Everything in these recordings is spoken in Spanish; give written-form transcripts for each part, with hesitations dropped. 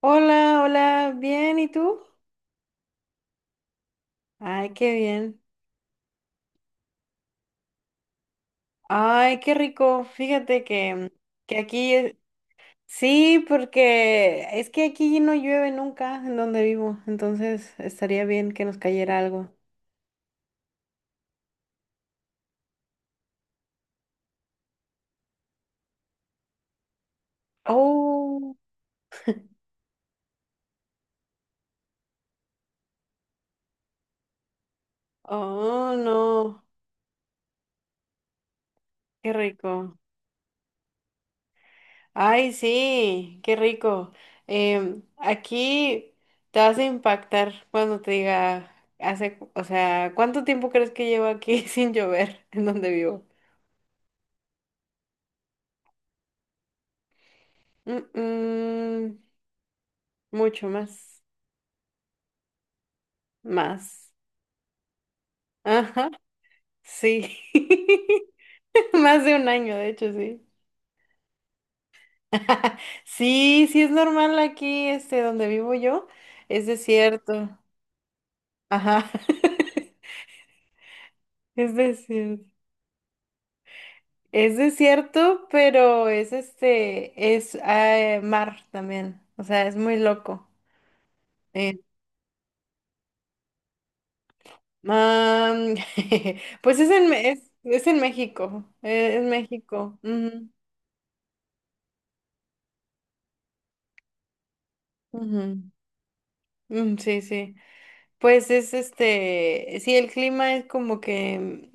Hola, hola, bien, ¿y tú? Ay, qué bien. Ay, qué rico. Fíjate que aquí, sí, porque es que aquí no llueve nunca en donde vivo, entonces estaría bien que nos cayera algo. Oh, oh, no, qué rico. Ay, sí, qué rico. Aquí te vas a impactar cuando te diga, hace, o sea, ¿cuánto tiempo crees que llevo aquí sin llover en donde vivo? Mm, mm, mucho más, más. Ajá, sí. Más de un año, de hecho, sí. Sí, sí es normal aquí, este, donde vivo yo, es desierto. Ajá. Es desierto. Es desierto, pero es este, es mar también. O sea, es muy loco. Eh, am, pues es es en México. Es, México. Ujú. Sí, sí. Pues es este, sí, el clima es como que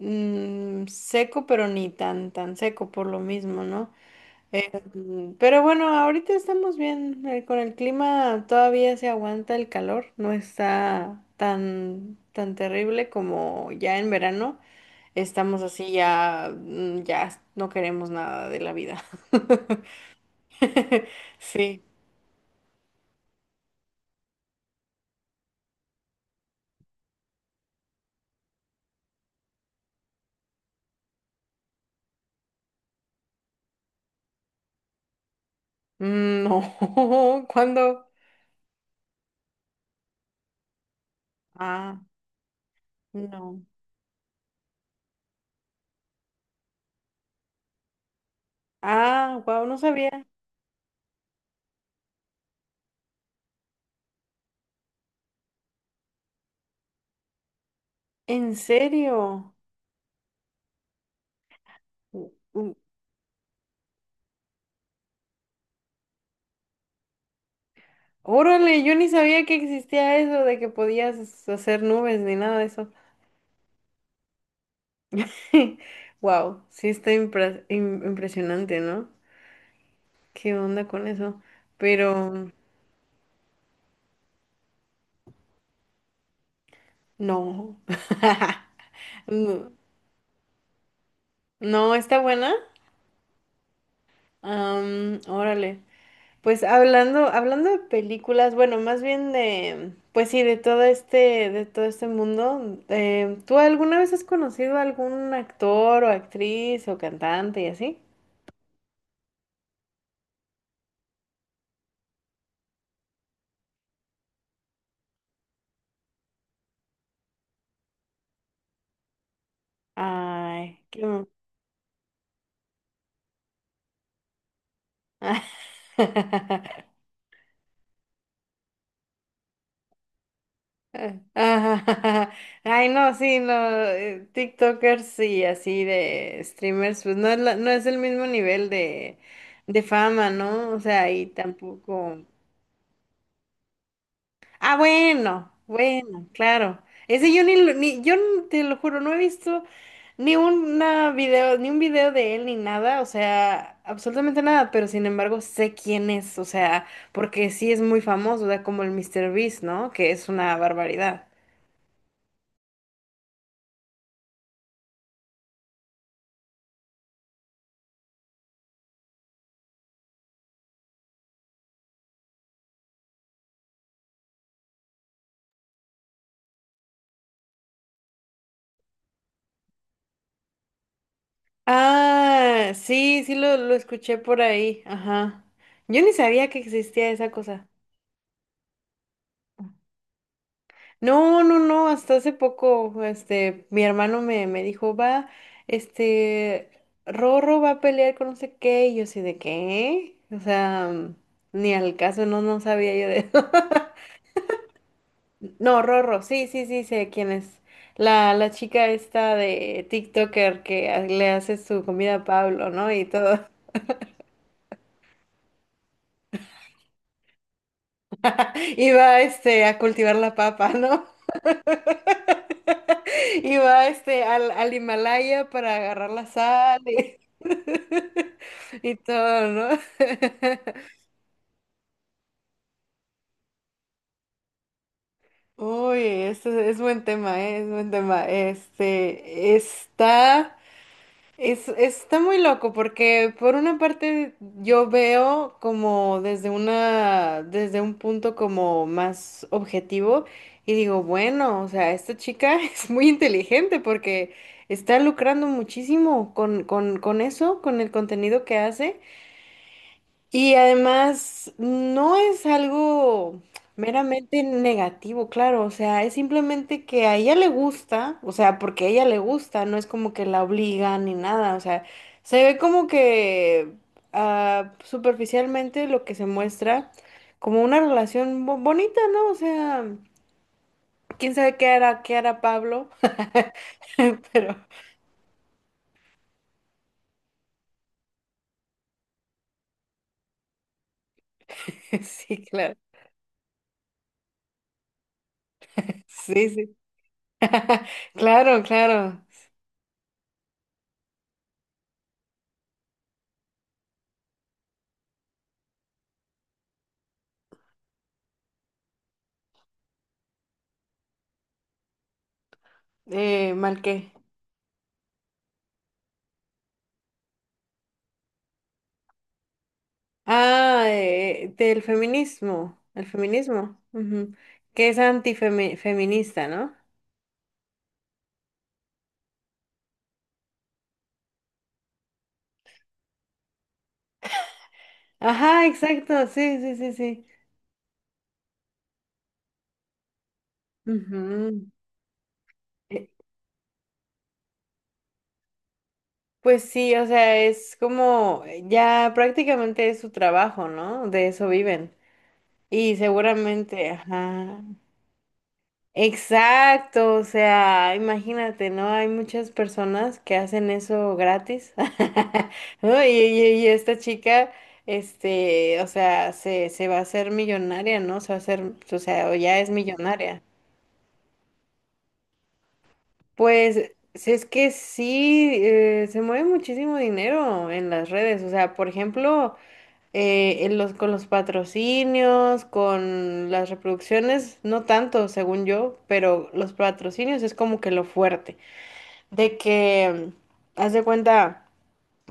seco, pero ni tan seco por lo mismo, ¿no? Pero bueno, ahorita estamos bien. Con el clima todavía se aguanta el calor, no está tan terrible como ya en verano. Estamos así ya, ya no queremos nada de la vida. Sí. No, ¿cuándo? Ah, no. Ah, wow, no sabía. ¿En serio? U- u- Órale, yo ni sabía que existía eso de que podías hacer nubes ni nada de eso. Wow, sí está impresionante, ¿no? ¿Qué onda con eso? Pero no. No, no, está buena. Órale. Pues hablando de películas, bueno, más bien de, pues sí, de todo este mundo. ¿Tú alguna vez has conocido a algún actor o actriz o cantante y así? Ay, Ah, Ay, no, sí, no, TikTokers y así de streamers, pues no es el mismo nivel de fama, ¿no? O sea, y tampoco. Ah, bueno, bueno, claro. Ese yo ni, lo- ni yo n- te lo juro, no he visto ni un video de él ni nada, o sea, absolutamente nada, pero sin embargo sé quién es, o sea, porque sí es muy famoso, o sea, como el Mr. Beast, ¿no? Que es una barbaridad. Ah, sí, sí lo escuché por ahí, ajá. Yo ni sabía que existía esa cosa. No, no, no, hasta hace poco, este, mi me dijo, va, este, Rorro va a pelear con no sé qué, y yo así de qué, o sea, ni al caso, no, no sabía yo de eso. No, Rorro, sí, sí, sí, sé quién es. La chica esta de TikToker que le hace su comida a Pablo, ¿no? Y todo. Iba, este, a cultivar la papa, ¿no? Y va este al Himalaya para agarrar la sal y, y todo, ¿no? Uy, este es, buen tema, ¿eh? Es buen tema. Este está. Es, está muy loco porque por una parte yo veo como desde un punto como más objetivo y digo, bueno, o sea, esta chica es muy inteligente porque está lucrando muchísimo con eso, con el contenido que hace. Y además, no es algo meramente negativo, claro, o sea, es simplemente que a ella le gusta, o sea, porque a ella le gusta, no es como que la obligan ni nada, o sea, se ve como que ah, superficialmente lo que se muestra como una relación bonita, ¿no? O sea, quién sabe qué hará Pablo, pero sí, claro, sí, sí, claro, claro, mal qué. Ah, del feminismo, el feminismo, ujú. ¿Que es antifeminista, no? Ajá, exacto, sí, sí, sí, sí. Ujú. Eh, Pues sí, o sea, es como ya prácticamente es su trabajo, ¿no? De eso viven. Y seguramente, ajá. Exacto, o sea, imagínate, ¿no? Hay muchas personas que hacen eso gratis, ¿no? Y esta chica, este, o sea, se va a hacer millonaria, ¿no? Se va a hacer, o sea, o ya es millonaria. Pues, si es que sí, se mueve muchísimo dinero en las redes, o sea, por ejemplo, en los, con los patrocinios, con las reproducciones, no tanto, según yo, pero los patrocinios es como que lo fuerte. De que, haz de cuenta,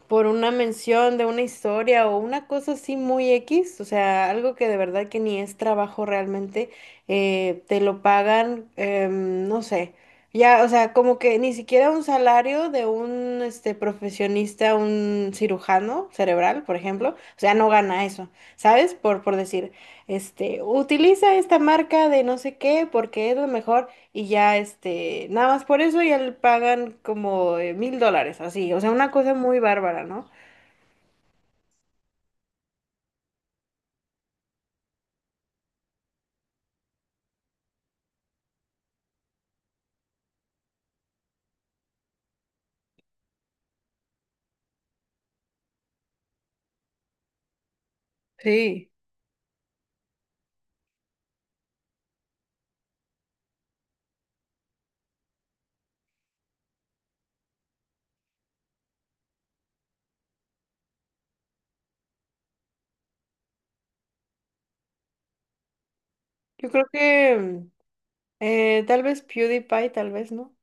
por una mención de una historia o una cosa así muy X, o sea, algo que de verdad que ni es trabajo realmente, te lo pagan, no sé, ya, o sea, como que ni siquiera un salario de un, este, profesionista, un cirujano cerebral, por ejemplo, o sea, no gana eso, ¿sabes? Por decir, este, utiliza esta marca de no sé qué porque es lo mejor. Y ya, este, nada más por eso ya le pagan como mil dólares, así. O sea, una cosa muy bárbara, ¿no? Sí. Yo creo que tal vez PewDiePie, tal vez, ¿no?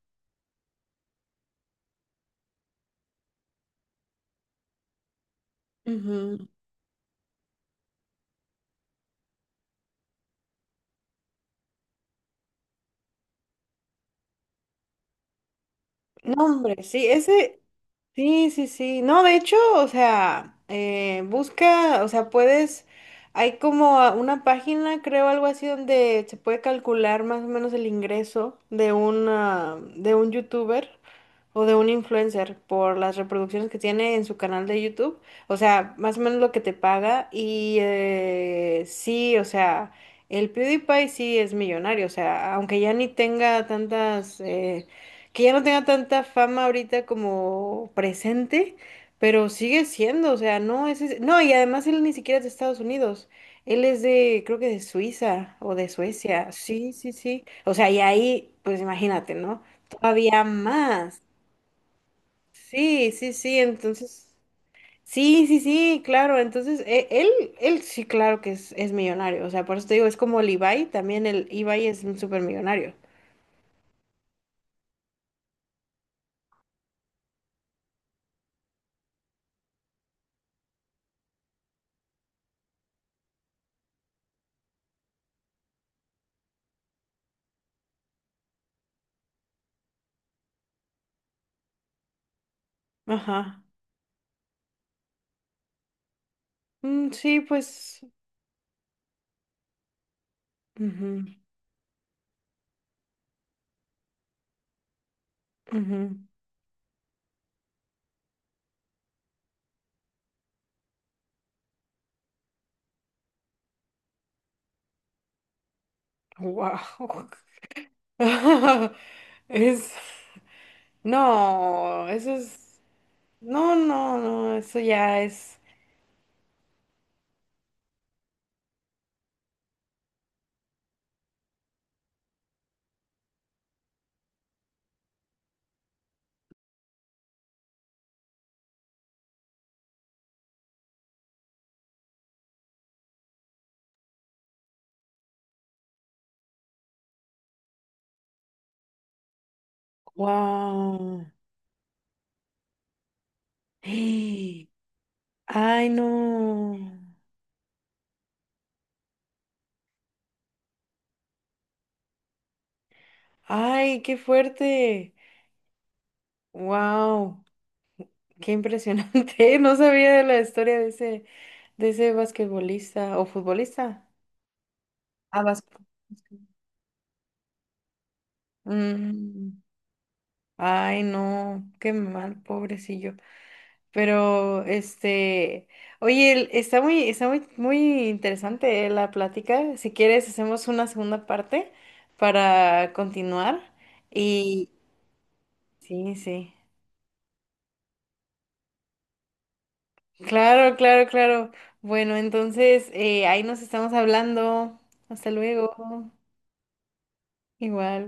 Ujú. No, hombre, sí, ese, sí, sí, sí. No, de hecho, o sea, busca, o sea, puedes, hay como una página, creo, algo así, donde se puede calcular más o menos el ingreso de una, de un youtuber, o de un influencer por las reproducciones que tiene en su canal de YouTube. O sea, más o menos lo que te paga. Y sí, o sea, el PewDiePie sí es millonario. O sea, aunque ya ni tenga tantas, que ya no tenga tanta fama ahorita como presente, pero sigue siendo, o sea, no, y además él ni siquiera es de Estados Unidos. Él es de, creo que de Suiza o de Suecia. Sí, sí, sí. O sea, y ahí, pues imagínate, ¿no? Todavía más. Sí, sí, sí, entonces, sí, sí, sí, claro, entonces, él, él sí, claro que es millonario, o sea, por eso te digo, es como el Ibai, también el Ibai es un súper millonario. Ajá. Sí, pues, ujú, ujú. Wow. Es, no, eso es, no, no, no, eso ya es, wow. Ay, no, ay, qué fuerte, wow. Qué impresionante. No sabía de la historia de ese basquetbolista o futbolista. Ah, vas- Mm, Ay, no, qué mal, pobrecillo. Pero, este, oye, está está muy, muy interesante la plática. Si quieres, hacemos una segunda parte para continuar. Y sí, sí. Claro, claro, claro. Bueno, entonces, ahí nos estamos hablando. Hasta luego. Igual.